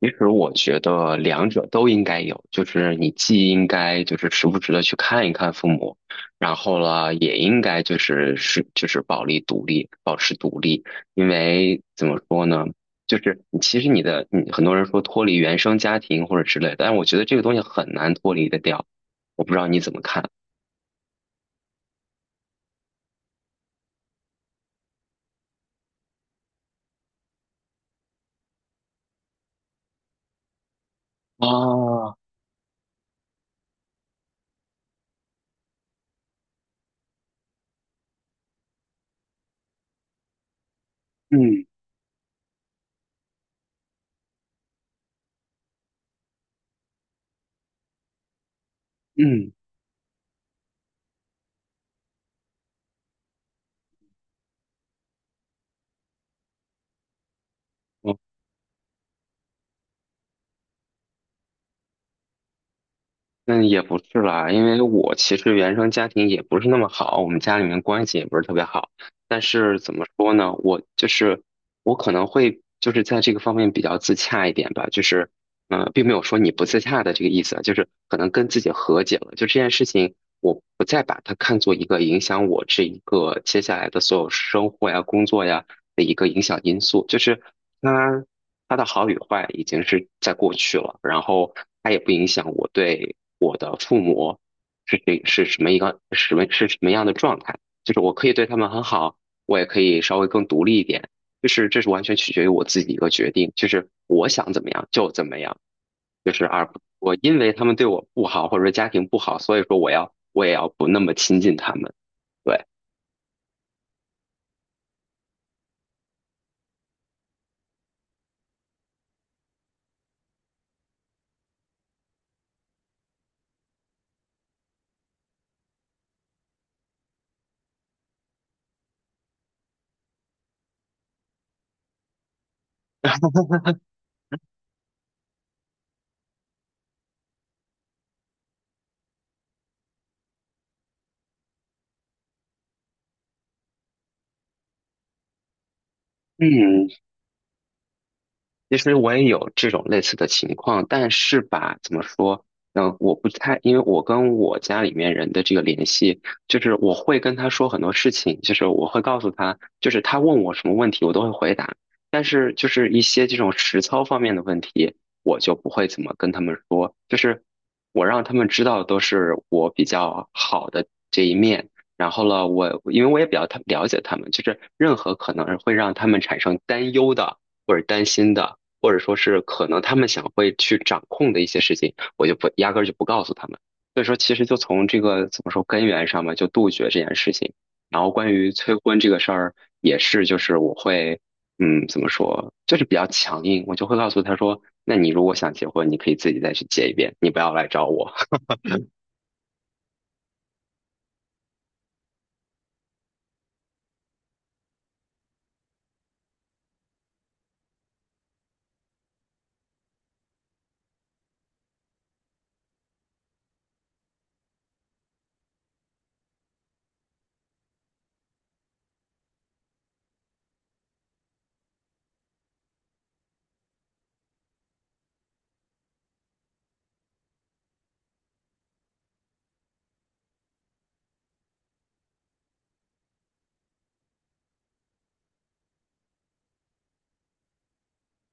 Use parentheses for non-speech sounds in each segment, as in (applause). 其实我觉得两者都应该有，就是你既应该就是时不时的去看一看父母，然后呢，也应该就是保利独立，保持独立，因为怎么说呢，就是你其实你的你很多人说脱离原生家庭或者之类的，但我觉得这个东西很难脱离得掉，我不知道你怎么看。啊，嗯嗯。那也不是啦，因为我其实原生家庭也不是那么好，我们家里面关系也不是特别好。但是怎么说呢，我就是我可能会就是在这个方面比较自洽一点吧，就是并没有说你不自洽的这个意思啊就是可能跟自己和解了，就这件事情我不再把它看作一个影响我这一个接下来的所有生活呀、工作呀的一个影响因素，就是它它的好与坏已经是在过去了，然后它也不影响我对。我的父母是谁是什么一个什么样的状态，就是我可以对他们很好，我也可以稍微更独立一点，就是这是完全取决于我自己一个决定，就是我想怎么样就怎么样，就是而不我因为他们对我不好或者说家庭不好，所以说我也要不那么亲近他们，对。嗯，其实我也有这种类似的情况，但是吧，怎么说？嗯，我不太，因为我跟我家里面人的这个联系，就是我会跟他说很多事情，就是我会告诉他，就是他问我什么问题，我都会回答。但是就是一些这种实操方面的问题，我就不会怎么跟他们说，就是我让他们知道都是我比较好的这一面。然后呢，因为我也比较他了解他们，就是任何可能会让他们产生担忧的或者担心的。或者说是可能他们想会去掌控的一些事情，我就不压根儿就不告诉他们。所以说，其实就从这个怎么说根源上嘛，就杜绝这件事情。然后关于催婚这个事儿，也是就是我会，怎么说，就是比较强硬，我就会告诉他说，那你如果想结婚，你可以自己再去结一遍，你不要来找我。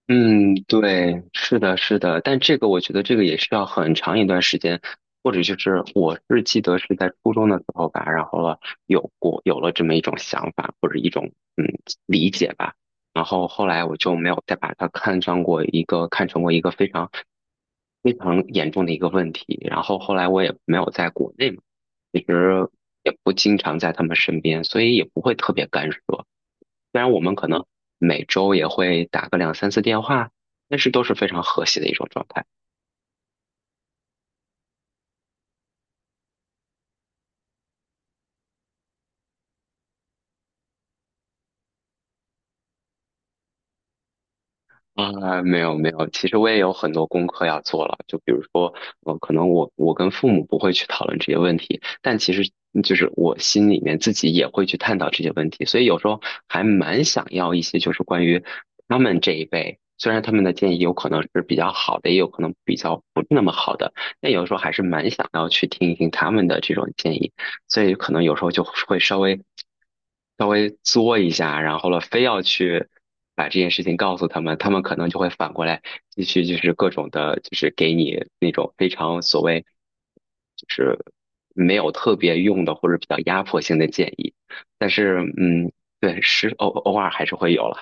嗯，对，是的，是的，但这个我觉得这个也需要很长一段时间，或者就是我是记得是在初中的时候吧，然后了有了这么一种想法或者一种嗯理解吧，然后后来我就没有再把它看成过一个非常非常严重的一个问题，然后后来我也没有在国内嘛，其实也不经常在他们身边，所以也不会特别干涉，虽然我们可能每周也会打个2~3次电话，但是都是非常和谐的一种状态。啊，没有没有，其实我也有很多功课要做了。就比如说，可能我跟父母不会去讨论这些问题，但其实就是我心里面自己也会去探讨这些问题。所以有时候还蛮想要一些，就是关于他们这一辈，虽然他们的建议有可能是比较好的，也有可能比较不那么好的，但有时候还是蛮想要去听一听他们的这种建议。所以可能有时候就会稍微。稍微作一下，然后了非要去把这件事情告诉他们，他们可能就会反过来继续就是各种的，就是给你那种非常所谓就是没有特别用的或者比较压迫性的建议。但是对，是偶尔还是会有了。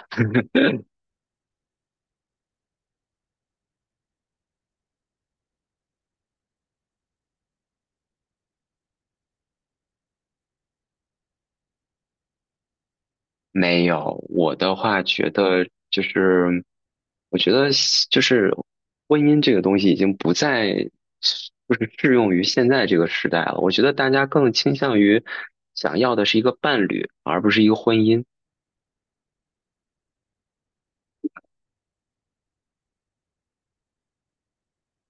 没有，我的话觉得就是，我觉得就是婚姻这个东西已经不再就是适用于现在这个时代了。我觉得大家更倾向于想要的是一个伴侣，而不是一个婚姻。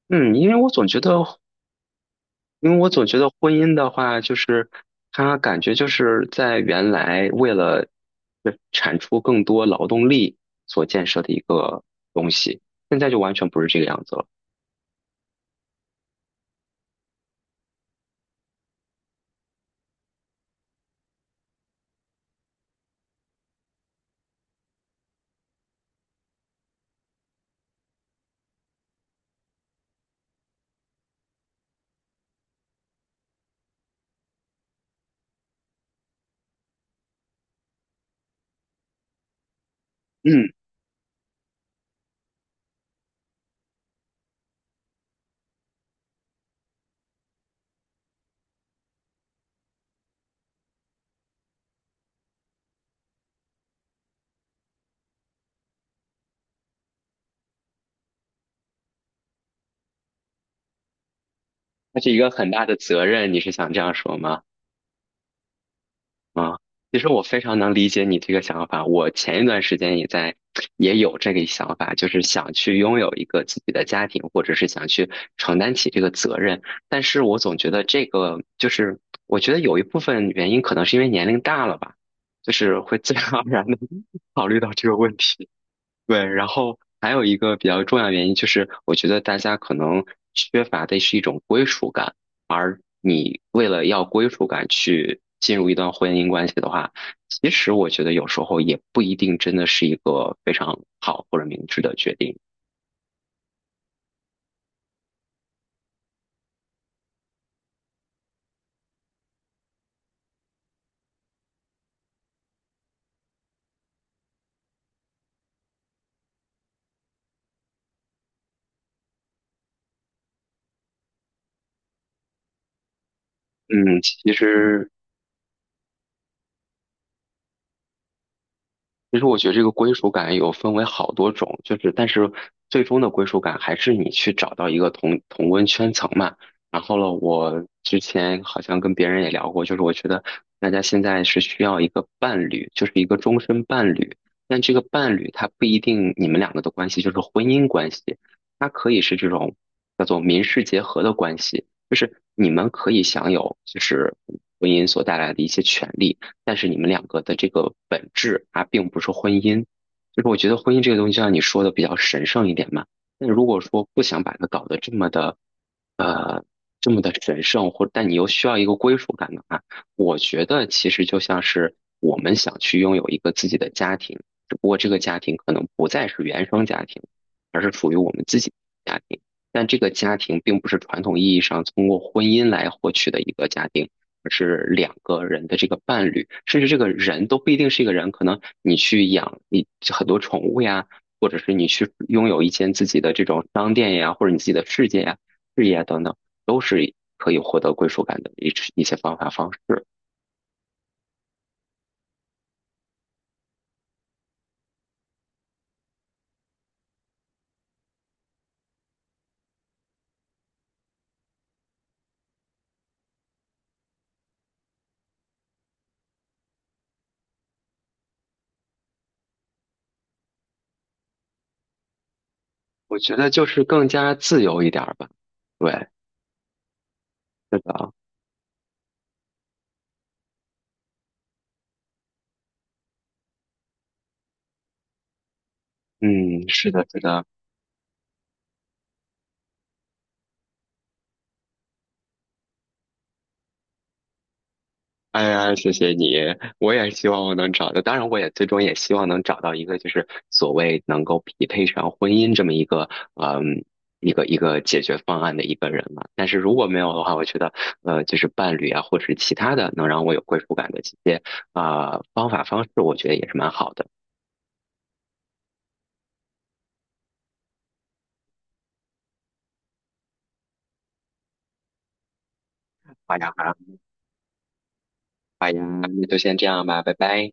嗯，因为我总觉得，因为我总觉得婚姻的话，就是它感觉就是在原来为了产出更多劳动力所建设的一个东西，现在就完全不是这个样子了。嗯。那是一个很大的责任，你是想这样说吗？啊、其实我非常能理解你这个想法。我前一段时间也在，也有这个想法，就是想去拥有一个自己的家庭，或者是想去承担起这个责任。但是我总觉得这个，就是我觉得有一部分原因可能是因为年龄大了吧，就是会自然而然的 (laughs) 考虑到这个问题。对，然后还有一个比较重要的原因就是，我觉得大家可能缺乏的是一种归属感，而你为了要归属感去进入一段婚姻关系的话，其实我觉得有时候也不一定真的是一个非常好或者明智的决定。嗯，其实我觉得这个归属感有分为好多种，就是但是最终的归属感还是你去找到一个同温圈层嘛。然后呢，我之前好像跟别人也聊过，就是我觉得大家现在是需要一个伴侣，就是一个终身伴侣。但这个伴侣他不一定你们两个的关系就是婚姻关系，它可以是这种叫做民事结合的关系，就是你们可以享有就是婚姻所带来的一些权利。但是你们两个的这个本质它并不是婚姻。就是我觉得婚姻这个东西，就像你说的比较神圣一点嘛。那如果说不想把它搞得这么的，呃，这么的神圣，或但你又需要一个归属感的话，我觉得其实就像是我们想去拥有一个自己的家庭，只不过这个家庭可能不再是原生家庭，而是属于我们自己的家庭。但这个家庭并不是传统意义上通过婚姻来获取的一个家庭，而是两个人的这个伴侣，甚至这个人都不一定是一个人，可能你去养你很多宠物呀，或者是你去拥有一间自己的这种商店呀，或者你自己的世界呀、事业啊等等，都是可以获得归属感的一些方法方式。我觉得就是更加自由一点吧。对，是的，嗯，是的，是的。哎呀，谢谢你！我也希望我能找到，当然我也最终也希望能找到一个，就是所谓能够匹配上婚姻这么一个，嗯，一个解决方案的一个人嘛。但是如果没有的话，我觉得，就是伴侣啊，或者是其他的能让我有归属感的一些啊、方法方式，我觉得也是蛮好的。好呀，好呀，好呀，那就先这样吧，拜拜。